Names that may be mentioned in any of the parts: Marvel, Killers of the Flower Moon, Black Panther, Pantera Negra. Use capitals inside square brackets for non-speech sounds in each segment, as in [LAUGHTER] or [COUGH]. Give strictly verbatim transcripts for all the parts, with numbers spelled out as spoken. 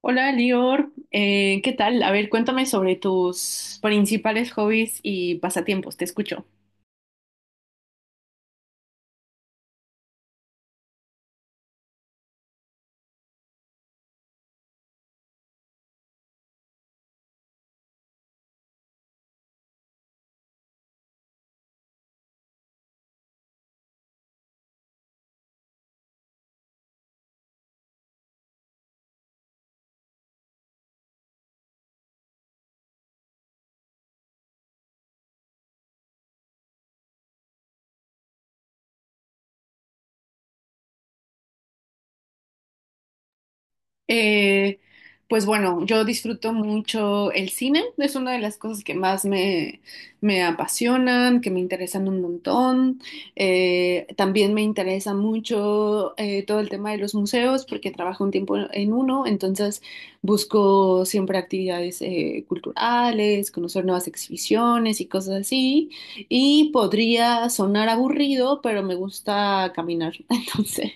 Hola, Lior. Eh, ¿qué tal? A ver, cuéntame sobre tus principales hobbies y pasatiempos. Te escucho. Eh, pues bueno, yo disfruto mucho el cine, es una de las cosas que más me, me apasionan, que me interesan un montón. Eh, también me interesa mucho eh, todo el tema de los museos, porque trabajo un tiempo en uno, entonces busco siempre actividades eh, culturales, conocer nuevas exhibiciones y cosas así. Y podría sonar aburrido, pero me gusta caminar, [LAUGHS] entonces.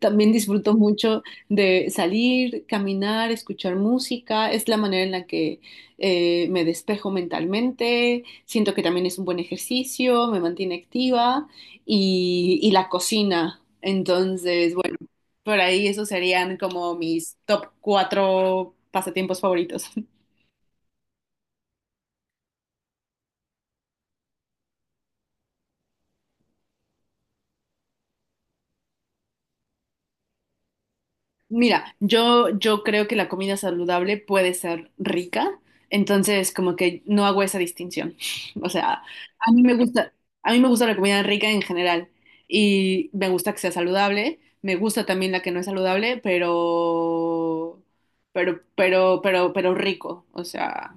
También disfruto mucho de salir, caminar, escuchar música. Es la manera en la que eh, me despejo mentalmente. Siento que también es un buen ejercicio, me mantiene activa y, y la cocina. Entonces, bueno, por ahí esos serían como mis top cuatro pasatiempos favoritos. Mira, yo, yo creo que la comida saludable puede ser rica, entonces como que no hago esa distinción. [LAUGHS] O sea, a mí me gusta, a mí me gusta la comida rica en general y me gusta que sea saludable, me gusta también la que no es saludable, pero, pero, pero, pero, pero rico, o sea.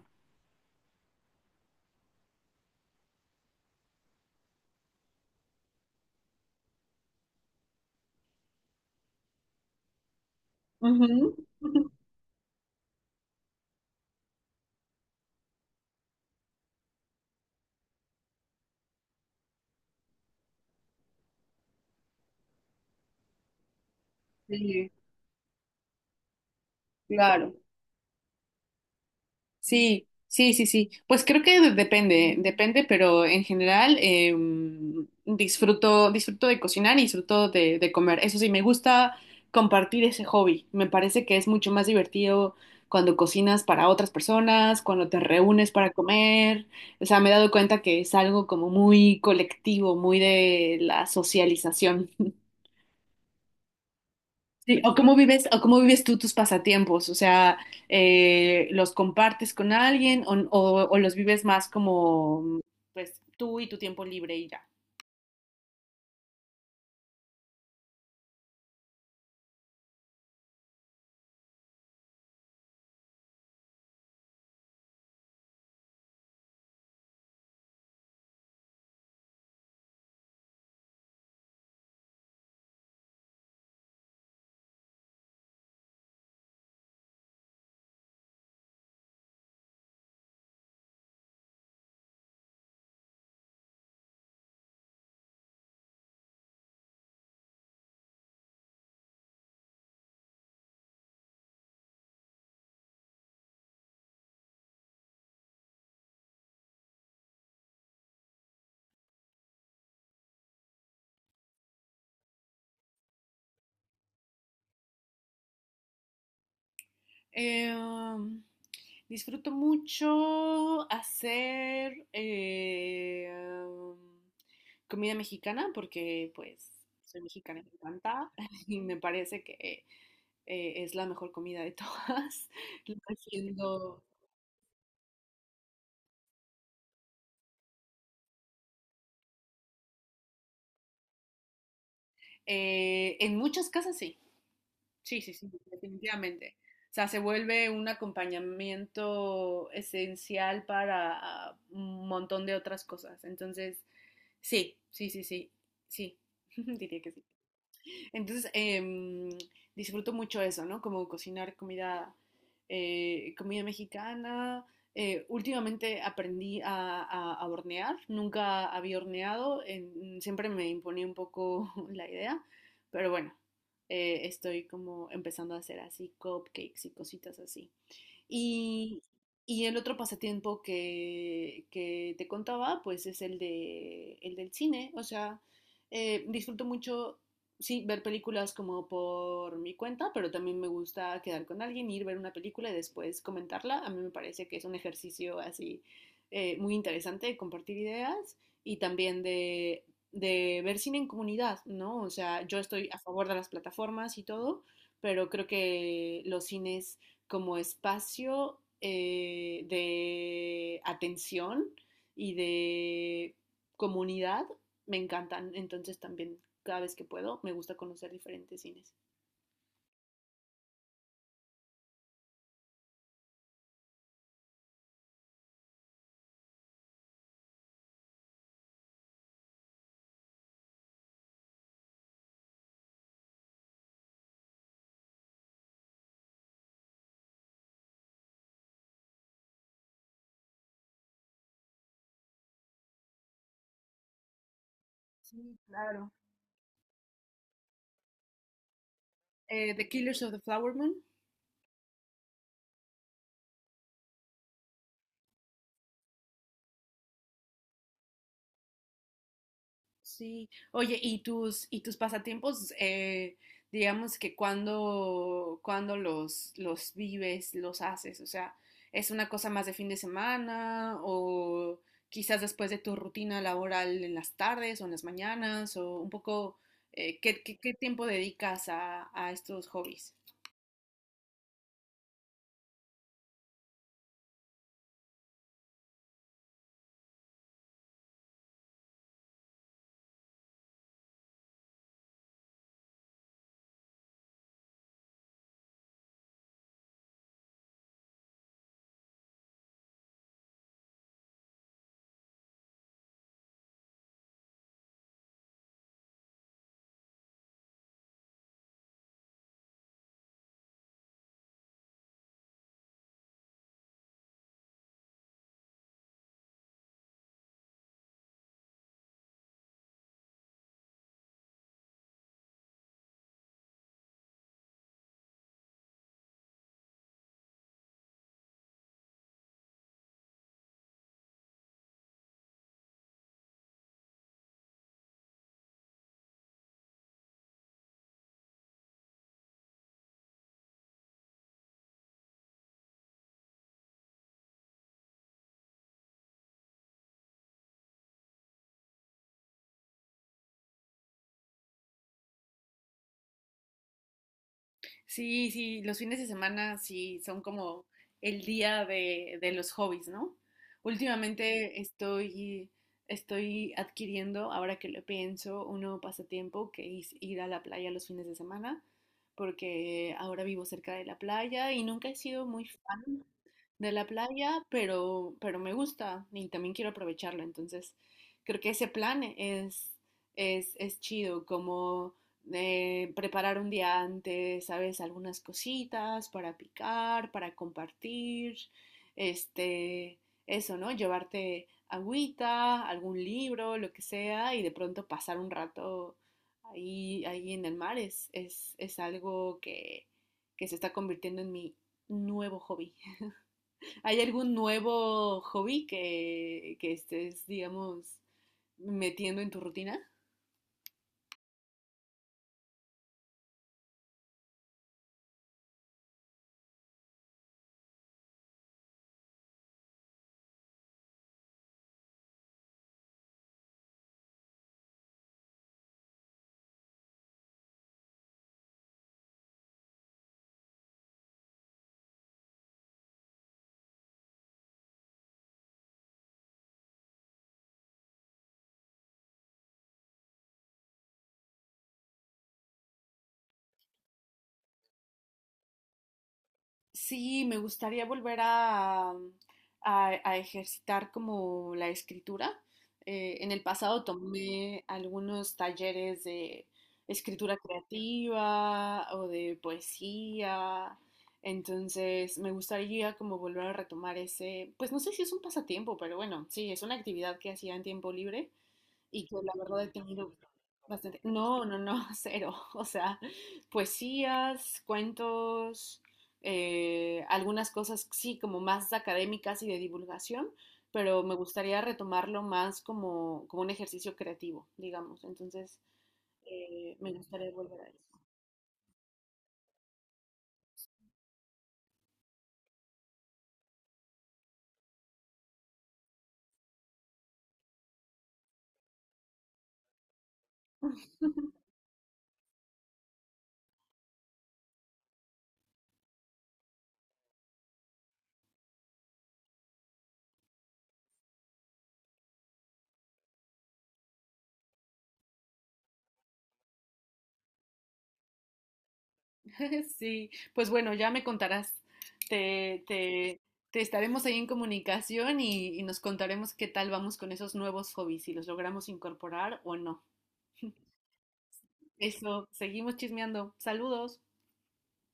Ujú. [LAUGHS] Sí, claro. Sí, sí, sí, sí. Pues creo que de- depende, depende, pero en general eh, disfruto, disfruto de cocinar y disfruto de, de comer. Eso sí, me gusta compartir ese hobby. Me parece que es mucho más divertido cuando cocinas para otras personas, cuando te reúnes para comer. O sea, me he dado cuenta que es algo como muy colectivo, muy de la socialización. Sí, o cómo vives, o cómo vives tú tus pasatiempos, o sea, eh, ¿los compartes con alguien o, o- o los vives más como, pues, tú y tu tiempo libre y ya? Eh, Disfruto mucho hacer eh, comida mexicana porque, pues, soy mexicana, me encanta [LAUGHS] y me parece que eh, es la mejor comida de todas. [LAUGHS] Lo haciendo, eh, en muchas casas sí. Sí, sí, sí, definitivamente. O sea, se vuelve un acompañamiento esencial para ah, un montón de otras cosas. Entonces, sí, sí, sí, sí, sí, [LAUGHS] diría que sí. Entonces, eh, disfruto mucho eso, ¿no? Como cocinar comida, eh, comida mexicana. Eh, últimamente aprendí a, a- a hornear, nunca había horneado, en- siempre me imponía un poco [LAUGHS] la idea, pero bueno, eh, estoy como empezando a hacer así cupcakes y cositas así. Y, y el otro pasatiempo que, que te contaba, pues es el de, el del cine. O sea, eh, disfruto mucho, sí, ver películas como por mi cuenta, pero también me gusta quedar con alguien, ir a ver una película y después comentarla. A mí me parece que es un ejercicio así eh, muy interesante de compartir ideas y también de, de ver cine en comunidad, ¿no? O sea, yo estoy a favor de las plataformas y todo, pero creo que los cines como espacio eh, de atención y de comunidad me encantan. Entonces también cada vez que puedo me gusta conocer diferentes cines. Sí, claro. Eh, The Killers of the Flower Moon. Sí. Oye, ¿y tus y tus pasatiempos, eh, digamos que cuando, cuando los, los vives, los haces? O sea, ¿es una cosa más de fin de semana o quizás después de tu rutina laboral en las tardes o en las mañanas o un poco, eh, qué, qué- qué tiempo dedicas a, a estos hobbies? Sí, sí, los fines de semana sí son como el día de, de los hobbies, ¿no? Últimamente estoy, estoy adquiriendo, ahora que lo pienso, un nuevo pasatiempo que es ir a la playa los fines de semana, porque ahora vivo cerca de la playa y nunca he sido muy fan de la playa, pero, pero me gusta y también quiero aprovecharlo. Entonces, creo que ese plan es, es, es chido, como eh, preparar un día antes, ¿sabes? Algunas cositas para picar, para compartir, este, eso, ¿no? Llevarte agüita, algún libro, lo que sea, y de pronto pasar un rato ahí, ahí en el mar es, es, es algo que, que se está convirtiendo en mi nuevo hobby. [LAUGHS] ¿Hay algún nuevo hobby que, que estés, digamos, metiendo en tu rutina? Sí, me gustaría volver a, mm, a- a ejercitar como la escritura. Eh, en el pasado tomé algunos talleres de escritura creativa o de poesía. Entonces, me gustaría como volver a retomar ese, pues no sé si es un pasatiempo, pero bueno, sí, es una actividad que hacía en tiempo libre y que la verdad he tenido bastante. No, no, no, [LAUGHS] cero. O sea, poesías, cuentos, eh, algunas cosas, sí, como más académicas y de divulgación, pero me gustaría retomarlo más como, como un ejercicio creativo, digamos. Entonces, eh, me gustaría volver a eso. [LAUGHS] Sí, pues bueno, ya me contarás. Te, te, te estaremos ahí en comunicación y, y nos contaremos qué tal vamos con esos nuevos hobbies, si los logramos incorporar o no. Eso, seguimos chismeando. Saludos.